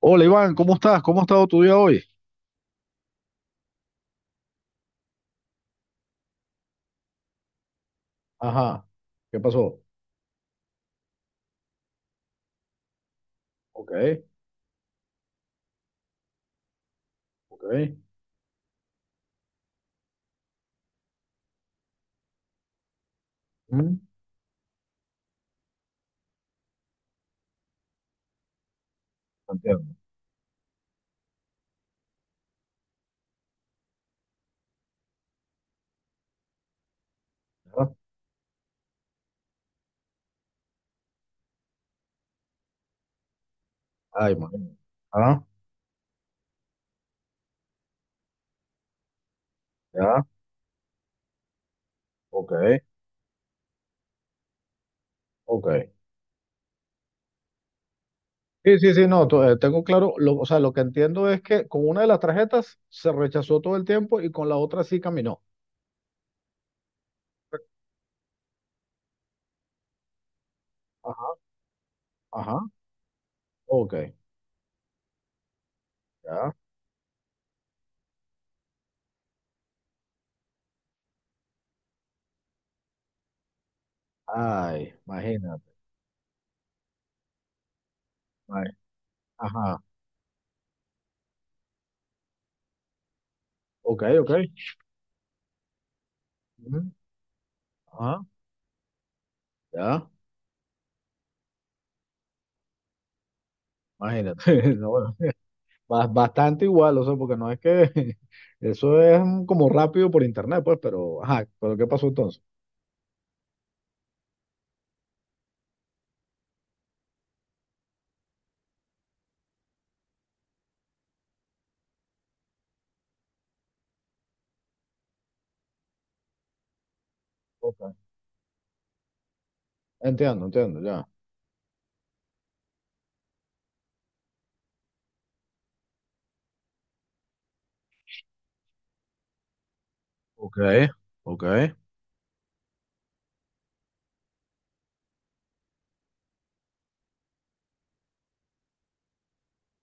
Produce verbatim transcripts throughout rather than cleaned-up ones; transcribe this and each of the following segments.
Hola Iván, ¿cómo estás? ¿Cómo ha estado tu día hoy? Ajá, ¿qué pasó? Ok, ok. Mm, Entiendo. ¿Ya? Ay, imagínate. Ah, ya. Ok, ok. Sí, sí, sí, no, to- eh, tengo claro, lo- o sea, lo que entiendo es que con una de las tarjetas se rechazó todo el tiempo y con la otra sí caminó. Ajá, ajá. Ok, ya. Ay, imagínate. Ay, ajá, ok, ok. Ujú, ajá, ya, imagínate. No, Ba- bastante igual, o sea, porque no es que eso es como rápido por internet, pues, pero, ajá, pero ¿qué pasó entonces? Ok. Entiendo, entiendo, ya. Ok, ok,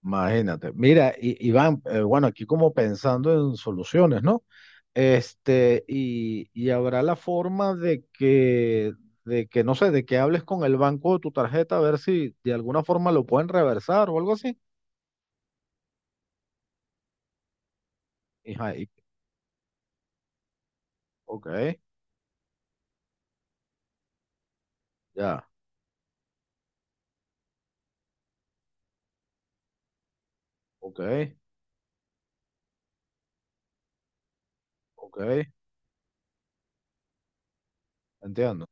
imagínate. Mira, I- Iván, eh, bueno, aquí como pensando en soluciones, ¿no? Este, y, y habrá la forma de que, de que, no sé, de que hables con el banco de tu tarjeta a ver si de alguna forma lo pueden reversar o algo así. Ajá, y- ok, ya, ok, ok, entiendo.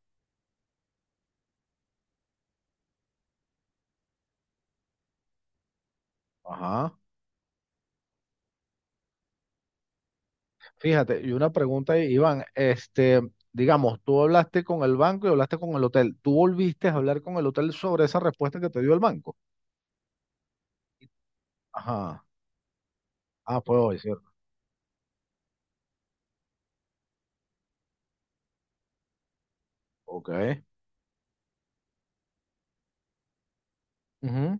Ajá. Fíjate, y una pregunta, Iván, este, digamos, tú hablaste con el banco y hablaste con el hotel. ¿Tú volviste a hablar con el hotel sobre esa respuesta que te dio el banco? Ajá. Ah, pues hoy, cierto. Ok. Ujú.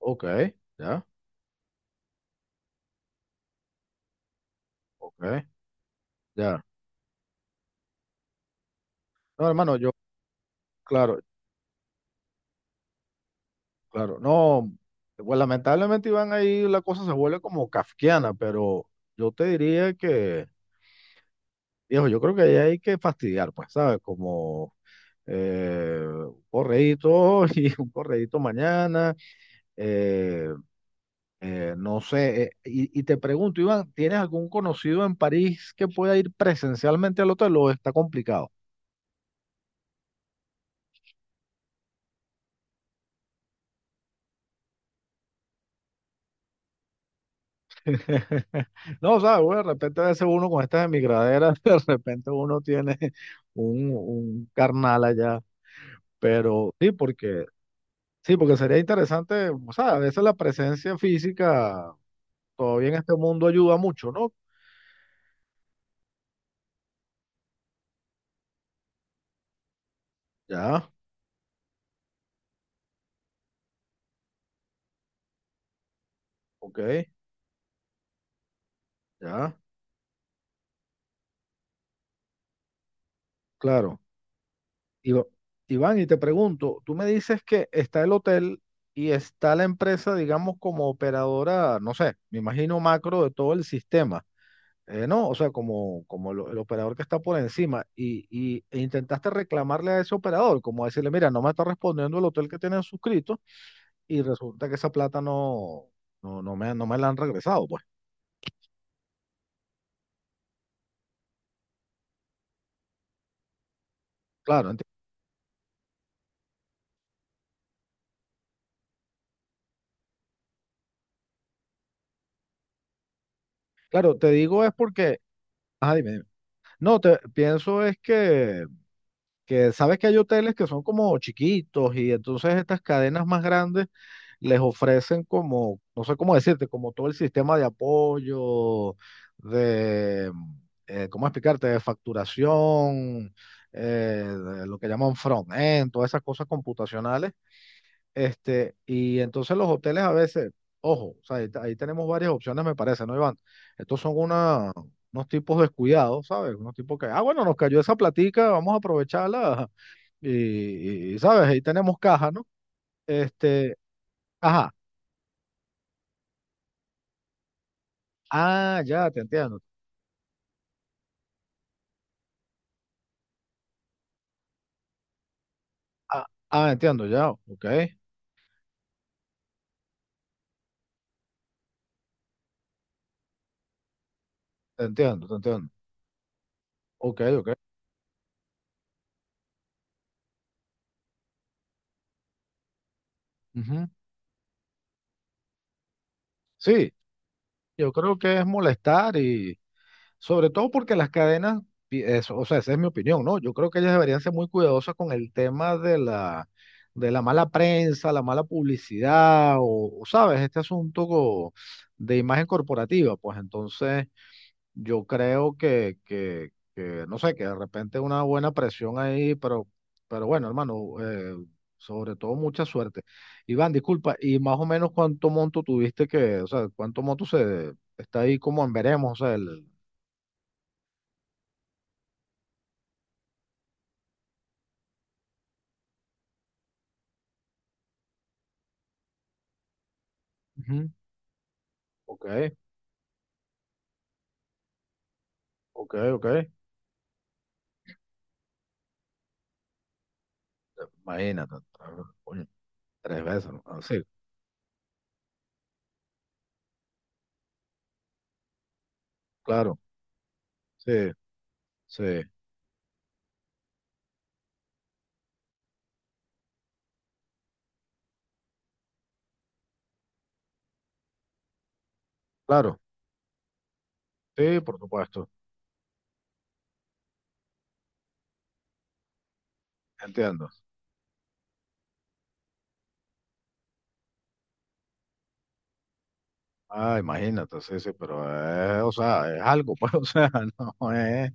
Ok, ya, ok, ya. No, hermano, yo, claro, claro. No, pues lamentablemente, Iván, ahí la cosa se vuelve como kafkiana, pero yo te diría que, viejo, yo creo que ahí hay que fastidiar, pues, ¿sabes? Como eh, un correíto y un correíto mañana. Eh, eh, no sé, eh, y, y te pregunto, Iván, ¿tienes algún conocido en París que pueda ir presencialmente al hotel o está complicado? No, sabes, bueno, de repente a veces uno con estas emigraderas, de repente uno tiene un, un carnal allá, pero sí, porque sí, porque sería interesante, o sea, a veces la presencia física todavía en este mundo ayuda mucho, ¿no? Ya, ok, ya, claro. Iva- Iván, y te pregunto, tú me dices que está el hotel y está la empresa, digamos, como operadora, no sé, me imagino macro de todo el sistema, eh, ¿no? O sea, como, como lo- el operador que está por encima y, y- e intentaste reclamarle a ese operador, como decirle, mira, no me está respondiendo el hotel que tienen suscrito y resulta que esa plata no, no, no me, no me la han regresado, pues. Claro, enti- claro, te digo es porque, ah, dime, dime. No, te pienso es que que sabes que hay hoteles que son como chiquitos y entonces estas cadenas más grandes les ofrecen como, no sé cómo decirte, como todo el sistema de apoyo, de, eh, ¿cómo explicarte? De facturación, eh, de lo que llaman front-end, todas esas cosas computacionales. Este, y entonces los hoteles a veces, ojo, o sea, ahí, ahí tenemos varias opciones, me parece, ¿no, Iván? Estos son una, unos tipos descuidados, ¿sabes? Unos tipos que, ah, bueno, nos cayó esa platica, vamos a aprovecharla y, y, ¿sabes? Ahí tenemos caja, ¿no? Este, ajá. Ah, ya, te entiendo. Ah, ah, entiendo, ya. Ok. Te entiendo, te entiendo. Ok, ok. Ujú. Sí, yo creo que es molestar y sobre todo porque las cadenas, pi- eso, o sea, esa es mi opinión, ¿no? Yo creo que ellas deberían ser muy cuidadosas con el tema de la, de la mala prensa, la mala publicidad o, o, ¿sabes? Este asunto co- de imagen corporativa, pues entonces... Yo creo que, que, que, no sé, que de repente una buena presión ahí, pero, pero bueno, hermano, eh, sobre todo mucha suerte. Iván, disculpa, y más o menos cuánto monto tuviste que, o sea, cuánto monto se está ahí como en veremos, o sea, el, ujú, ok, ok, ok, imagínate, ah, coño, tres veces, ¿no? Ah, sí, claro, sí, sí, claro, sí, por supuesto, entiendo. Ah, imagínate, sí, sí, pero, eh, o sea, es algo, pues, o sea, no es.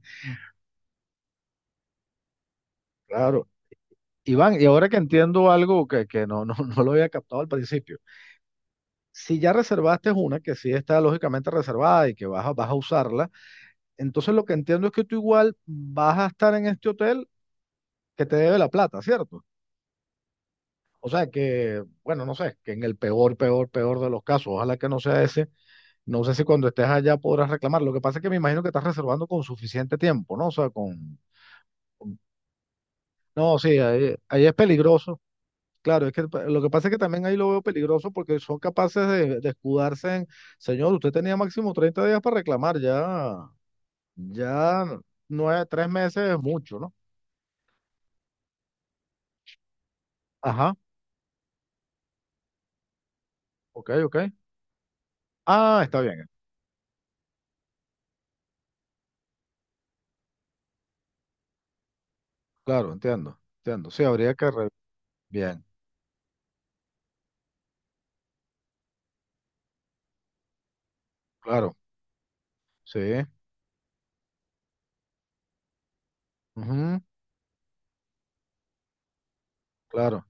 Claro. Iván, y ahora que entiendo algo que, que no, no, no lo había captado al principio, si ya reservaste una que sí está lógicamente reservada y que vas a, vas a usarla, entonces lo que entiendo es que tú igual vas a estar en este hotel que te debe la plata, ¿cierto? O sea que, bueno, no sé, que en el peor, peor, peor de los casos, ojalá que no sea ese, no sé si cuando estés allá podrás reclamar. Lo que pasa es que me imagino que estás reservando con suficiente tiempo, ¿no? O sea, con... con- No, sí, ahí ahí es peligroso. Claro, es que pa- lo que pasa es que también ahí lo veo peligroso porque son capaces de, de escudarse en, señor, usted tenía máximo treinta días para reclamar, ya, ya nueve, tres meses es mucho, ¿no? Ajá, ok, ok. Ah, está bien, claro, entiendo, entiendo. Sí, habría que, re- bien, claro, sí, ujú, claro.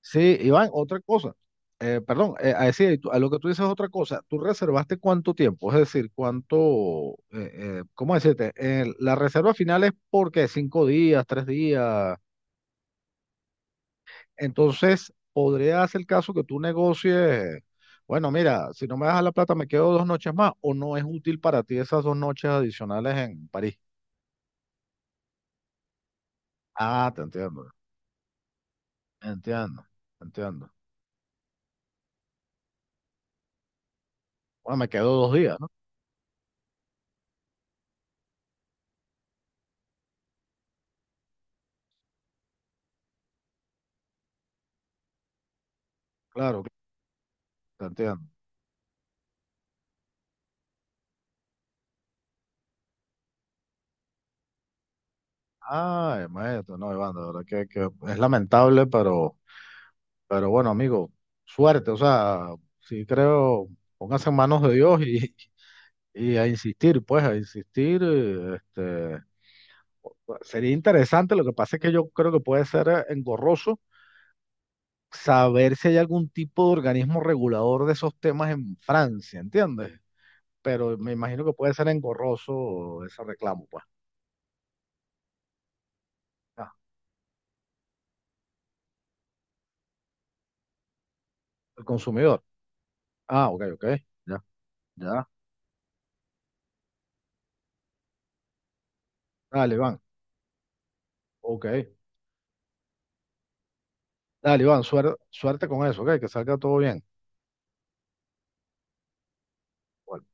Sí, Iván, otra cosa. Eh, perdón, eh, a, decir, tú- a lo que tú dices otra cosa. ¿Tú reservaste cuánto tiempo? Es decir, cuánto, eh, eh, ¿cómo decirte? Eh, la reserva final es porque cinco días, tres días. Entonces, podría ser el caso que tú negocies, bueno, mira, si no me das la plata, me quedo dos noches más, o no es útil para ti esas dos noches adicionales en París. Ah, te entiendo, entiendo, entiendo. Bueno, me quedo dos días, ¿no? Claro, claro, te entiendo. Ay, maestro, no, Iván, de verdad que, que es lamentable, pero, pero bueno, amigo, suerte, o sea, sí creo, póngase en manos de Dios y, y a insistir, pues, a insistir, eh, este, sería interesante, lo que pasa es que yo creo que puede ser eh, engorroso saber si hay algún tipo de organismo regulador de esos temas en Francia, ¿entiendes? Pero me imagino que puede ser engorroso ese reclamo, pues, ah, el consumidor. Ah, ok, ok, ya, ya, dale, Iván, ok. Dale, Iván, suer- suerte con eso, ¿ok? Que salga todo bien. Bueno.